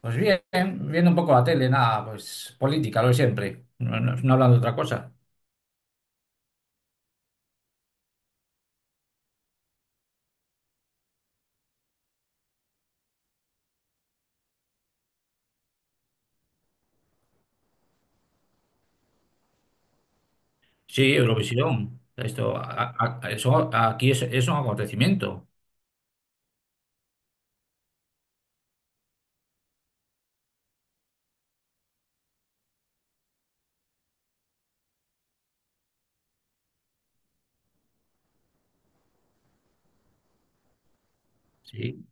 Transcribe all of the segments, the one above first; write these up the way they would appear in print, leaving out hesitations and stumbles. Pues bien, viendo un poco la tele, nada, pues política, lo de siempre. No, no, no hablando de otra cosa. Sí, Eurovisión. Esto, eso, aquí es un acontecimiento. Sí,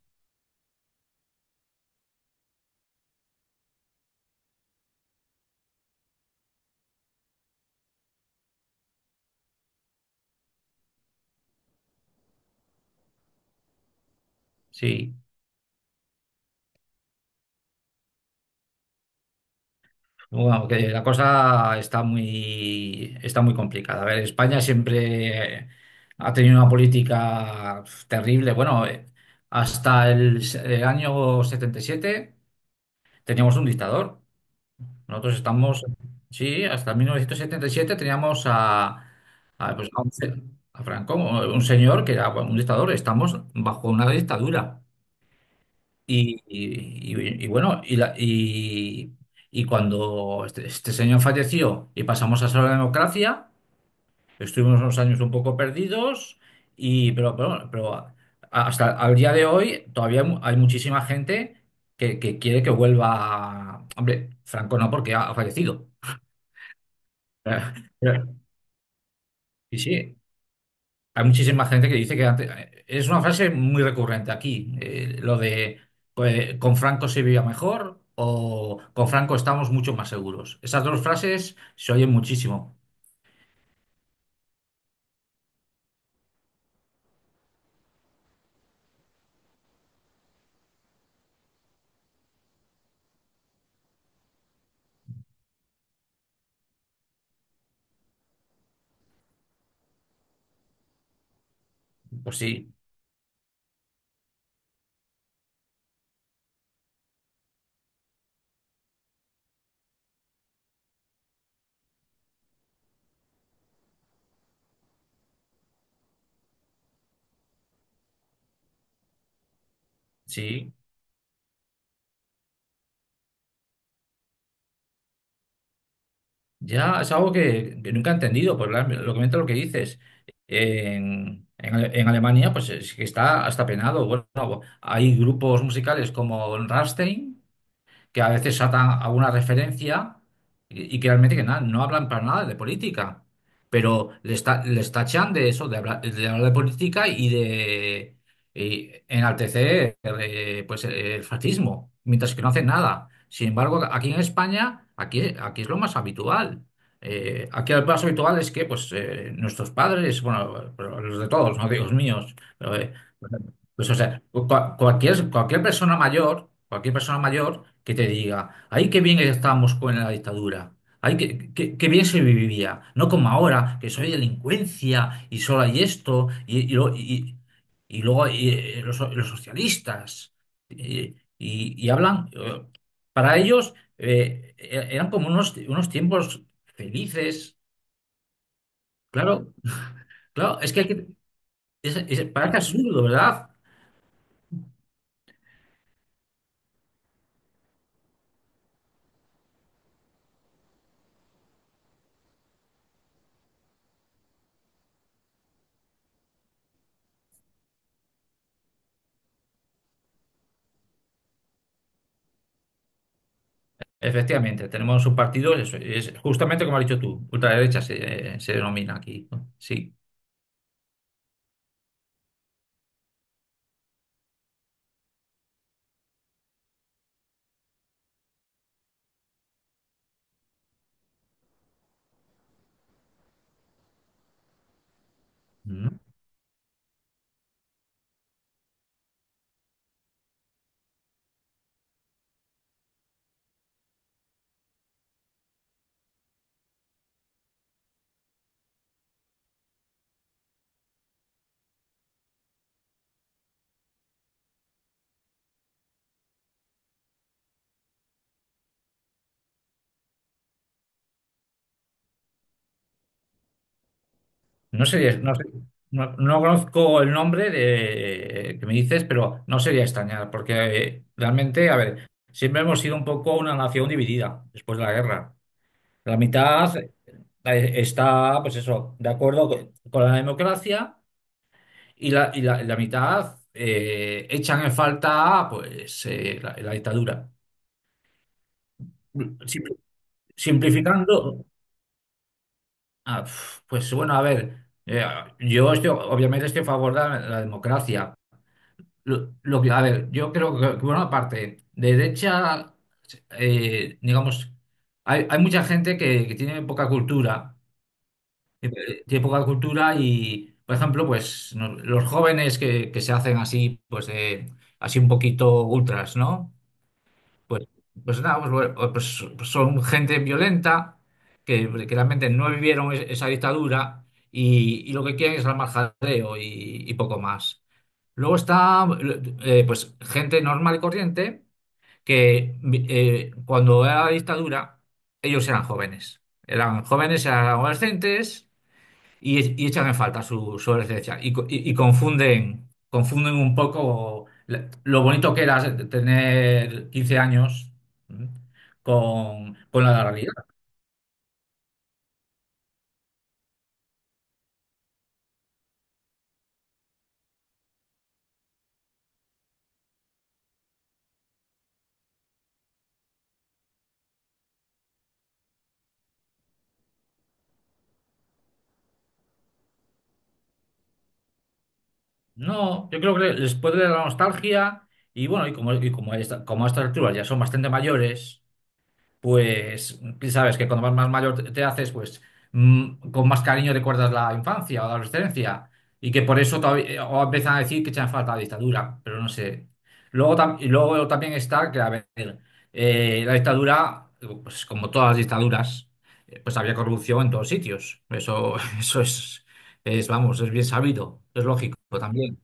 sí. Bueno, que la cosa está muy complicada. A ver, España siempre ha tenido una política terrible. Bueno, hasta el año 77 teníamos un dictador. Nosotros estamos, sí, hasta 1977 teníamos a, pues, a un se- a Franco, un señor que era bueno, un dictador. Estamos bajo una dictadura. Y bueno, y cuando este señor falleció y pasamos a ser la democracia, estuvimos unos años un poco perdidos, pero hasta el día de hoy todavía hay muchísima gente que quiere que vuelva. Hombre, Franco no, porque ha fallecido. Claro, claro. Y sí, hay muchísima gente que dice que antes, es una frase muy recurrente aquí, lo de pues, con Franco se vivía mejor o con Franco estamos mucho más seguros. Esas dos frases se oyen muchísimo. Pues sí, sí, ya es algo que nunca he entendido, pues lo que mientras lo que dices. En Alemania, pues es que está hasta penado. Bueno, hay grupos musicales como Rammstein, que a veces atan a una referencia y que realmente que nada, no hablan para nada de política, pero les tachan de eso, de hablar, de política y enaltecer pues, el fascismo, mientras que no hacen nada. Sin embargo, aquí en España, aquí es lo más habitual. Aquí lo más habitual es que pues, nuestros padres, bueno, pero los de todos, no digo los míos, pero, pues, o sea, cualquier persona mayor que te diga, ay, qué bien estábamos con la dictadura, ay, qué bien se vivía, no como ahora, que soy delincuencia y solo hay esto, y luego los socialistas, y, y hablan, para ellos eran como unos tiempos felices, claro, claro, es que, hay que- es- parece absurdo, ¿verdad? Efectivamente, tenemos un partido, es justamente como has dicho tú, ultraderecha se denomina aquí, ¿no? Sí. No, no sería, no, sé- no conozco el nombre de, que me dices, pero no sería extrañar, porque realmente, a ver, siempre hemos sido un poco una nación dividida después de la guerra. La mitad está, pues eso, de acuerdo con la democracia y la mitad echan en falta, pues, la dictadura. Sí. Simplificando, pues bueno, a ver, obviamente estoy a favor de la democracia. Lo que, a ver, yo creo que, bueno, aparte, de derecha, digamos, hay mucha gente que tiene poca cultura, que, tiene poca cultura y, por ejemplo, pues los jóvenes que se hacen así, pues así un poquito ultras, ¿no? Pues, pues nada, pues, bueno, pues- pues son gente violenta que realmente no vivieron esa dictadura y lo que quieren es armar jaleo y poco más. Luego está pues gente normal y corriente que cuando era la dictadura ellos eran jóvenes. Eran jóvenes, eran adolescentes y echan en falta su esencia y confunden un poco lo bonito que era tener 15 años ¿m? con la realidad. No, yo creo que les puede dar la nostalgia y bueno, como a estas alturas ya son bastante mayores, pues sabes que cuando más mayor te haces, pues, con más cariño recuerdas la infancia o la adolescencia y que por eso todavía, o empiezan a decir que echan falta la dictadura, pero no sé. Luego, también está que, a ver, la dictadura, pues como todas las dictaduras, pues había corrupción en todos sitios. Eso, eso es, vamos, es bien sabido, es lógico también.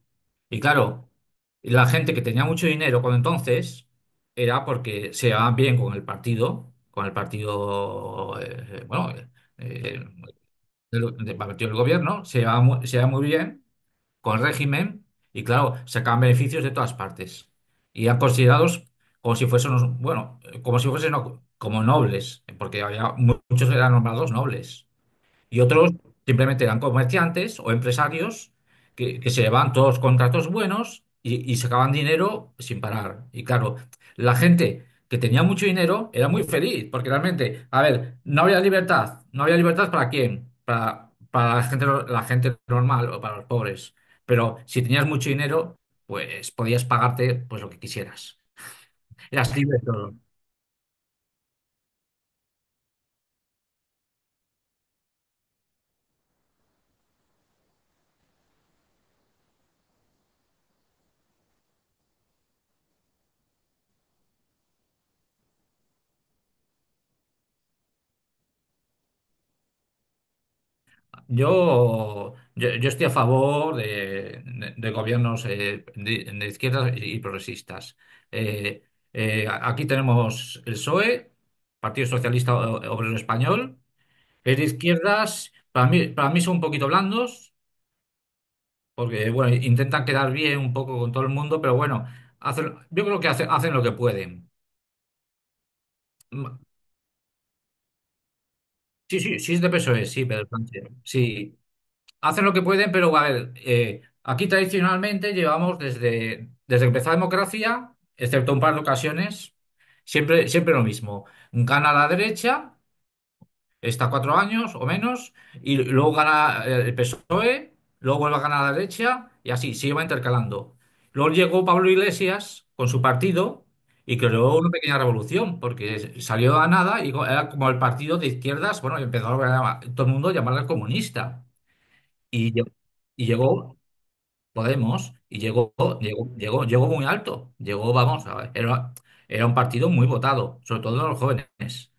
Y claro, la gente que tenía mucho dinero cuando entonces era porque se llevaban bien con el partido, bueno, eh, del partido del gobierno, se llevaban muy bien con el régimen y claro, sacaban beneficios de todas partes. Y eran considerados como si fuesen, bueno, como si fuesen como nobles, porque había muchos que eran nombrados nobles. Y otros simplemente eran comerciantes o empresarios que se llevaban todos los contratos buenos y sacaban dinero sin parar. Y claro, la gente que tenía mucho dinero era muy feliz, porque realmente, a ver, no había libertad. ¿No había libertad para quién? Para la gente, la gente normal o para los pobres. Pero si tenías mucho dinero, pues podías pagarte pues, lo que quisieras. Eras libre de todo. Yo estoy a favor de gobiernos de izquierdas y progresistas. Eh, aquí tenemos el PSOE, Partido Socialista Obrero Español. Es de izquierdas, para mí son un poquito blandos, porque bueno, intentan quedar bien un poco con todo el mundo, pero bueno, hacen, yo creo que hacen, lo que pueden. Mm, sí, sí, sí es de PSOE, sí, Pedro Sánchez. Sí. Hacen lo que pueden, pero a ver, aquí tradicionalmente llevamos desde que empezó la democracia, excepto un par de ocasiones, siempre, siempre lo mismo. Gana la derecha, está 4 años o menos, y luego gana el PSOE, luego vuelve a ganar la derecha, y así, se iba intercalando. Luego llegó Pablo Iglesias con su partido y creó una pequeña revolución, porque salió a nada y era como el partido de izquierdas, bueno, y empezó a, todo el mundo a llamarle comunista. Y, lle- y llegó Podemos, y llegó muy alto. Llegó, vamos, a ver, era un partido muy votado, sobre todo en los jóvenes.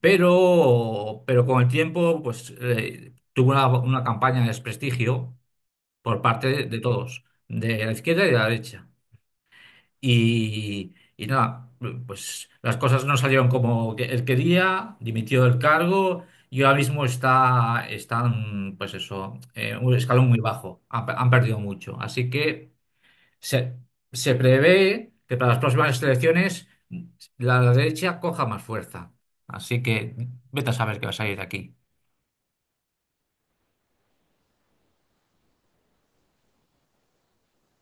Pero con el tiempo, pues tuvo una campaña de desprestigio por parte de todos, de la izquierda y de la derecha. Y nada, pues las cosas no salieron como que él quería, dimitió del cargo y ahora mismo está, están, pues eso, en un escalón muy bajo, han perdido mucho. Así que se, se prevé que para las próximas elecciones la derecha coja más fuerza. Así que vete a saber qué va a salir de aquí.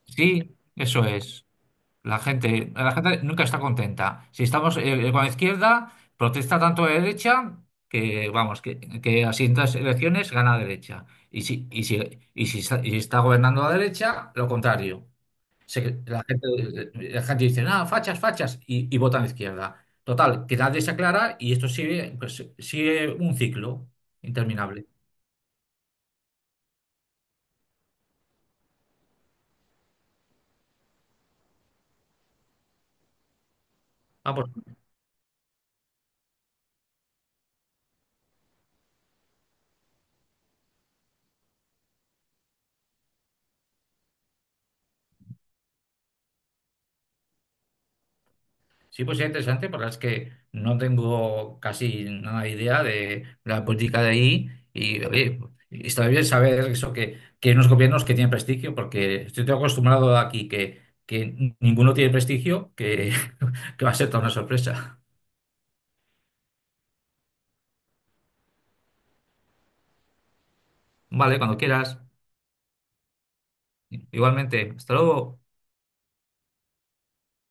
Sí, eso es. La gente nunca está contenta. Si estamos con la izquierda, protesta tanto la derecha que, vamos, que a siguientes elecciones gana la derecha. Y si, y si, y si está gobernando la derecha, lo contrario. Se- la gente, la gente dice, nada, fachas, fachas, y vota a la izquierda. Total, que nadie se aclara y esto sigue, pues, sigue un ciclo interminable. Vamos. Sí, pues es interesante, porque es que no tengo casi nada de idea de la política de ahí y oye, está bien saber eso que hay unos gobiernos que tienen prestigio, porque estoy acostumbrado aquí que ninguno tiene prestigio, que, que va a ser toda una sorpresa. Vale, cuando quieras. Igualmente, hasta luego.